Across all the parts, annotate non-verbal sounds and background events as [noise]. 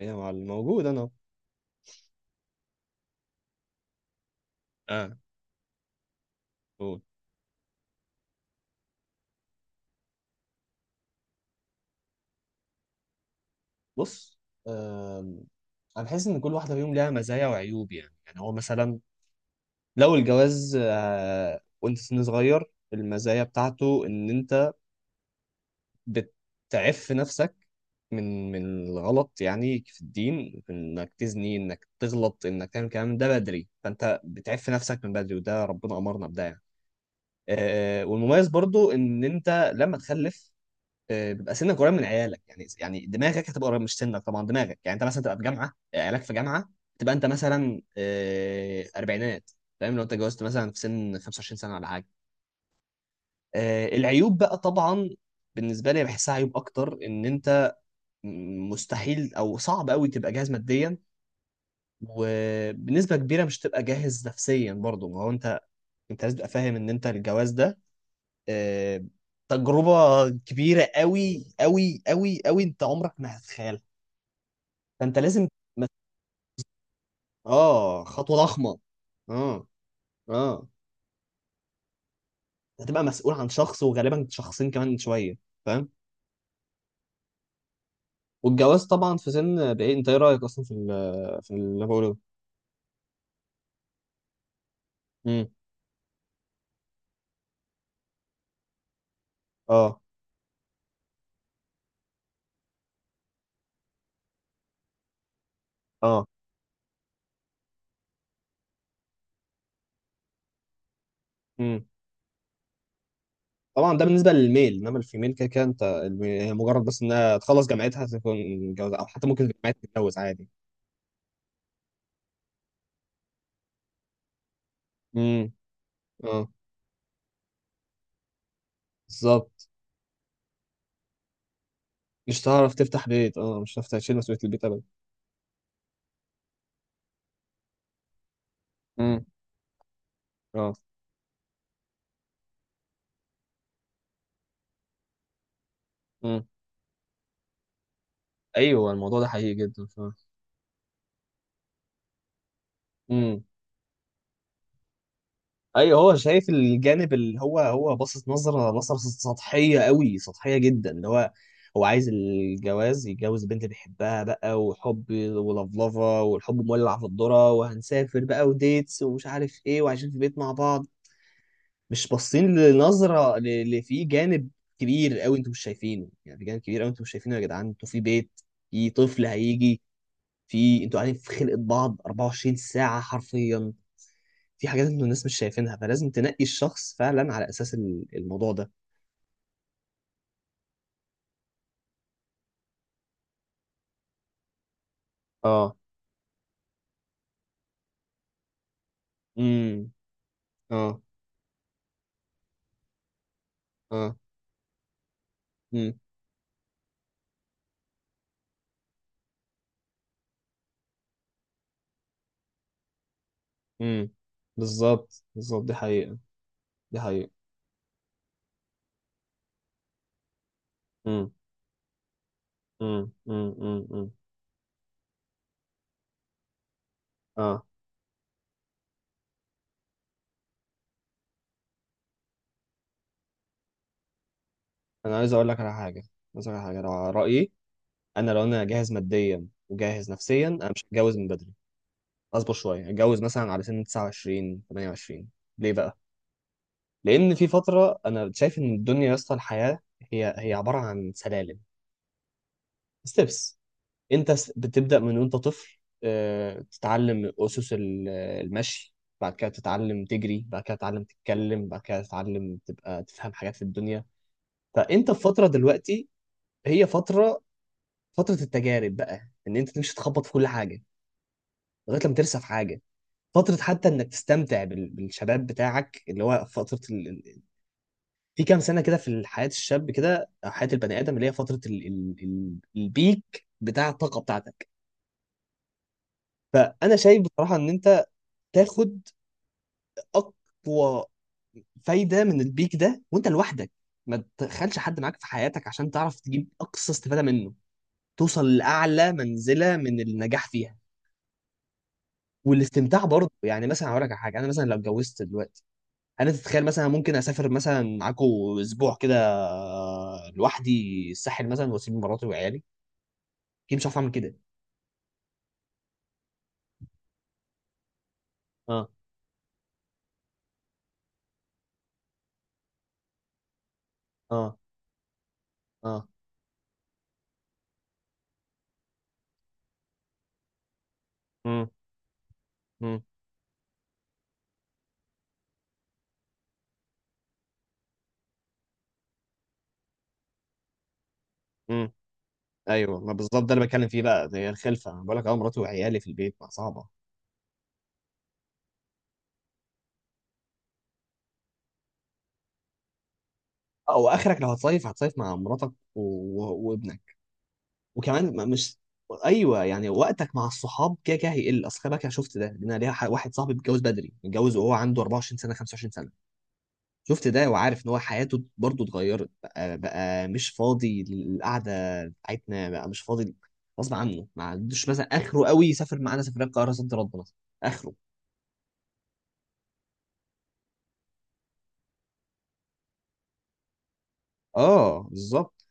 يا معلم موجود انا أهو. اه، قول. بص، آم، انا بحس ان كل واحده فيهم ليها مزايا وعيوب. يعني هو مثلا لو الجواز وانت سن صغير، المزايا بتاعته ان انت بتعف نفسك من الغلط، يعني في الدين انك تزني انك تغلط انك تعمل كلام ده بدري، فانت بتعف نفسك من بدري وده ربنا امرنا بده يعني. والمميز برضو ان انت لما تخلف بيبقى سنك قريب من عيالك، يعني دماغك هتبقى قريب، مش سنك طبعا دماغك، يعني انت مثلا تبقى في جامعه عيالك في جامعه، تبقى انت مثلا اربعينات. فاهم؟ لو انت اتجوزت مثلا في سن 25 سنه ولا حاجه. العيوب بقى طبعا، بالنسبه لي بحسها عيوب اكتر، ان انت مستحيل او صعب قوي تبقى جاهز ماديا، وبنسبه كبيره مش تبقى جاهز نفسيا برضه. ما هو انت انت لازم تبقى فاهم ان انت الجواز ده آه، تجربه كبيره قوي قوي قوي قوي، انت عمرك ما هتتخيلها. فانت لازم مس... اه، خطوه ضخمه. اه، اه، هتبقى مسؤول عن شخص، وغالبا شخصين كمان شويه، فاهم. والجواز طبعا في سن بايه، انت ايه رايك اصلا في في اللي انا بقوله ده؟ امم، اه، اه، امم. طبعا ده بالنسبه للميل، انما الفيميل كده كده انت هي مجرد بس انها تخلص جامعتها تكون متجوزه، او حتى ممكن جامعتها تتجوز عادي. امم، اه، بالظبط، مش هتعرف تفتح بيت، اه مش هتعرف تشيل مسؤوليه البيت ابدا. امم، اه، امم، ايوه الموضوع ده حقيقي جدا، فاهم. ايوه، هو شايف الجانب اللي هو هو باصص نظره، نظره سطحيه قوي، سطحيه جدا، اللي هو هو عايز الجواز، يتجوز البنت اللي بيحبها بقى وحب ولفلفه والحب مولع في الذره، وهنسافر بقى وديتس ومش عارف ايه، وعايشين في بيت مع بعض. مش باصين لنظره اللي فيه جانب كبير قوي انتوا مش شايفينه، يعني في جانب كبير قوي انتوا مش شايفينه. يا جدعان انتوا في بيت، في طفل هيجي، في انتوا قاعدين في خلقه بعض 24 ساعه حرفيا، في حاجات انتوا الناس مش شايفينها، فلازم تنقي الشخص فعلا على اساس الموضوع ده. اه، امم، اه، اه، امم، امم، بالظبط بالظبط، دي حقيقة، دي حقيقة. امم، امم، امم، امم، أمم. اه، انا عايز اقول لك على حاجة، عايز اقول لك على حاجة، لو على رأيي انا، لو انا جاهز ماديا وجاهز نفسيا، انا مش هتجوز من بدري، اصبر شوية اتجوز مثلا على سن 29 28. ليه بقى؟ لان في فترة انا شايف ان الدنيا يا اسطى، الحياة هي عبارة عن سلالم، ستيبس. انت بتبدأ من وانت طفل، تتعلم اسس المشي، بعد كده تتعلم تجري، بعد كده تتعلم تتكلم، بعد كده تتعلم تبقى تفهم حاجات في الدنيا. فانت في فترة دلوقتي، هي فترة فترة التجارب بقى، ان انت تمشي تخبط في كل حاجة لغاية لما ترسى في حاجة. فترة حتى انك تستمتع بالشباب بتاعك، اللي هو فترة في كام سنة كده في حياة الشاب كده، أو حياة البني آدم، اللي هي فترة البيك بتاع الطاقة بتاعتك. فأنا شايف بصراحة إن أنت تاخد اقوى فايده من البيك ده وانت لوحدك، ما تدخلش حد معاك في حياتك، عشان تعرف تجيب اقصى استفاده منه، توصل لاعلى منزله من النجاح فيها والاستمتاع برضه. يعني مثلا هقول لك على حاجه، انا مثلا لو اتجوزت دلوقتي، انا تتخيل مثلا ممكن اسافر مثلا معاكو اسبوع كده لوحدي الساحل مثلا، واسيب مراتي وعيالي؟ اكيد مش هعرف اعمل كده. اه، اه، اه، امم، امم، امم، ايوه ما بالظبط ده اللي بتكلم فيه بقى، هي الخلفه. انا بقول لك اه، مراتي وعيالي في البيت ما صعبه، او اخرك لو هتصيف هتصيف مع مراتك وابنك. وكمان مش، ايوه يعني وقتك مع الصحاب كده كده هيقل. اصل خلي بالك انا شفت ده، لان أنا ليا واحد صاحبي متجوز بدري، متجوز وهو عنده 24 سنه 25 سنه. شفت ده وعارف ان هو حياته برضه اتغيرت بقى، بقى مش فاضي للقعده بتاعتنا، بقى مش فاضي غصب عنه، ما عندوش مثلا اخره قوي يسافر معانا سفريه القاهره صد رد مثلا. اخره، اه بالظبط.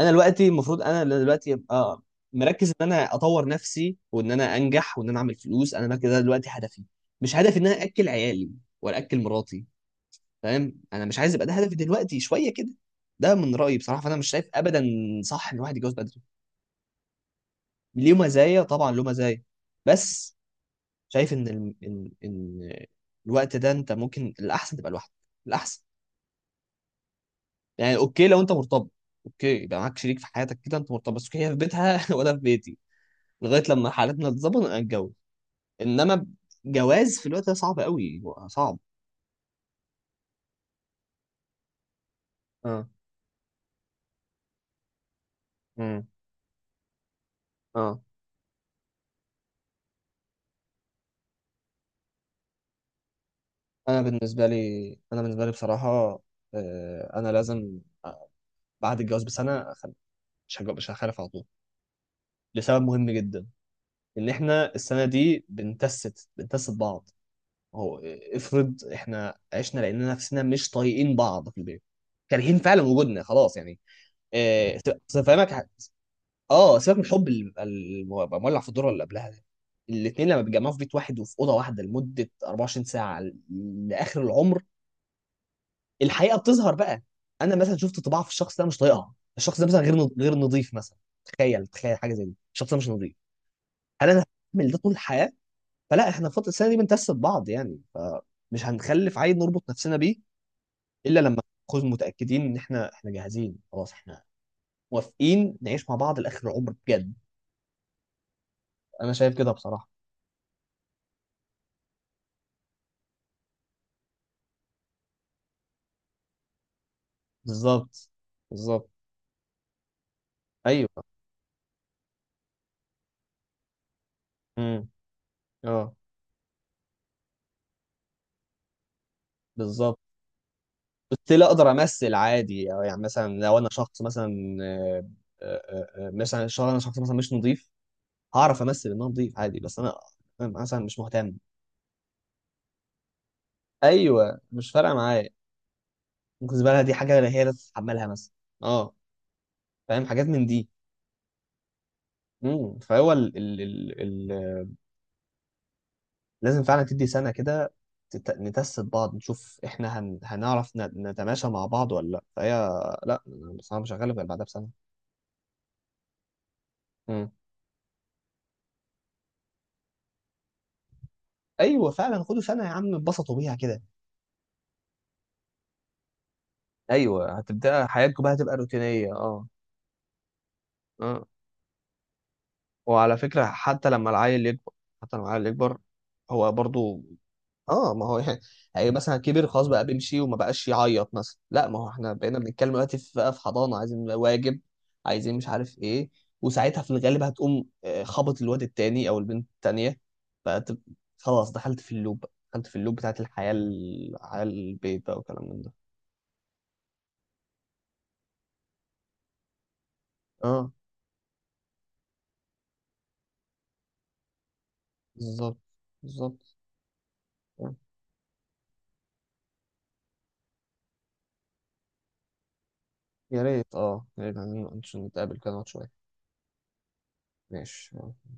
انا دلوقتي المفروض انا دلوقتي ابقى مركز ان انا اطور نفسي، وان انا انجح، وان انا اعمل فلوس. انا ده كده دلوقتي هدفي، مش هدفي ان انا اكل عيالي ولا اكل مراتي، فاهم. انا مش عايز يبقى ده هدفي دلوقتي شويه كده. ده من رايي بصراحه، فانا مش شايف ابدا صح ان الواحد يتجوز بدري، ليه مزايا طبعا له مزايا، بس شايف ان ان الوقت ده انت ممكن الاحسن تبقى لوحدك، الاحسن. يعني اوكي لو انت مرتبط، اوكي يبقى معاك شريك في حياتك كده، انت مرتبط بس اوكي، هي في بيتها [laughs] وانا في بيتي، لغايه لما حالتنا تتظبط نبقى نتجوز. انما جواز في الوقت ده صعب قوي، صعب. اه، امم، اه، انا بالنسبه لي انا بالنسبه لي بصراحه، انا لازم بعد الجواز بسنه مش هخالف على طول، لسبب مهم جدا، ان احنا السنه دي بنتست بعض. هو افرض احنا عشنا لاننا نفسنا مش طايقين بعض في البيت، كارهين فعلا وجودنا خلاص يعني. آه، أصل فاهمك. اه، سيبك من الحب اللي بيبقى بيبقى مولع في الدور اللي قبلها ده، الاثنين لما بيتجمعوا في بيت واحد وفي اوضه واحده لمده 24 ساعه لاخر العمر، الحقيقه بتظهر بقى. انا مثلا شفت طباع في الشخص ده مش طايقها، الشخص ده مثلا غير نظيف مثلا. تخيل تخيل حاجه زي دي، الشخص ده مش نظيف، هل انا هعمل ده طول الحياه؟ فلا، احنا في فتره السنه دي بنتست بعض يعني، فمش هنخلف عيل نربط نفسنا بيه الا لما نكون متاكدين ان احنا جاهزين خلاص، احنا موافقين نعيش مع بعض لاخر العمر بجد. انا شايف كده بصراحه. بالظبط، بالظبط، ايوه، امم، اه، بالظبط. ستيل اقدر امثل عادي، أو يعني مثلا لو انا شخص مثلا مثلا شخص، انا شخص مثلا مش نظيف، هعرف امثل ان انا نظيف عادي، بس انا، أنا مثلا مش مهتم. ايوه مش فارقه معايا، ممكن الزباله دي حاجه هي اللي تتحملها مثلا. اه، فاهم، حاجات من دي. امم، فهو ال ال ال لازم فعلا تدي سنة كده نتست بعض، نشوف احنا هنعرف نتماشى مع بعض ولا لا. فهي لا، أنا بصراحة مش هغلب غير بعدها بسنة. مم، ايوه فعلا خدوا سنة يا عم، اتبسطوا بيها كده. ايوه هتبدأ حياتكم بقى، هتبقى روتينية. اه، اه، وعلى فكرة حتى لما العيل يكبر، حتى لما العيل يكبر هو برضو، اه ما هو يعني، يعني مثلا كبر خلاص بقى بيمشي وما بقاش يعيط مثلا، لا ما هو احنا بقينا بنتكلم دلوقتي في بقى، في حضانة، عايزين واجب، عايزين مش عارف ايه. وساعتها في الغالب هتقوم خبط الواد التاني او البنت التانية، بقت، خلاص دخلت في اللوب بقى، دخلت في اللوب بتاعت الحياة على البيت بقى، وكلام من ده. اه، بالظبط بالظبط، آه. يا ريت، اه يا ريت، عايزين نتقابل كده نقعد شوية. ماشي. آه.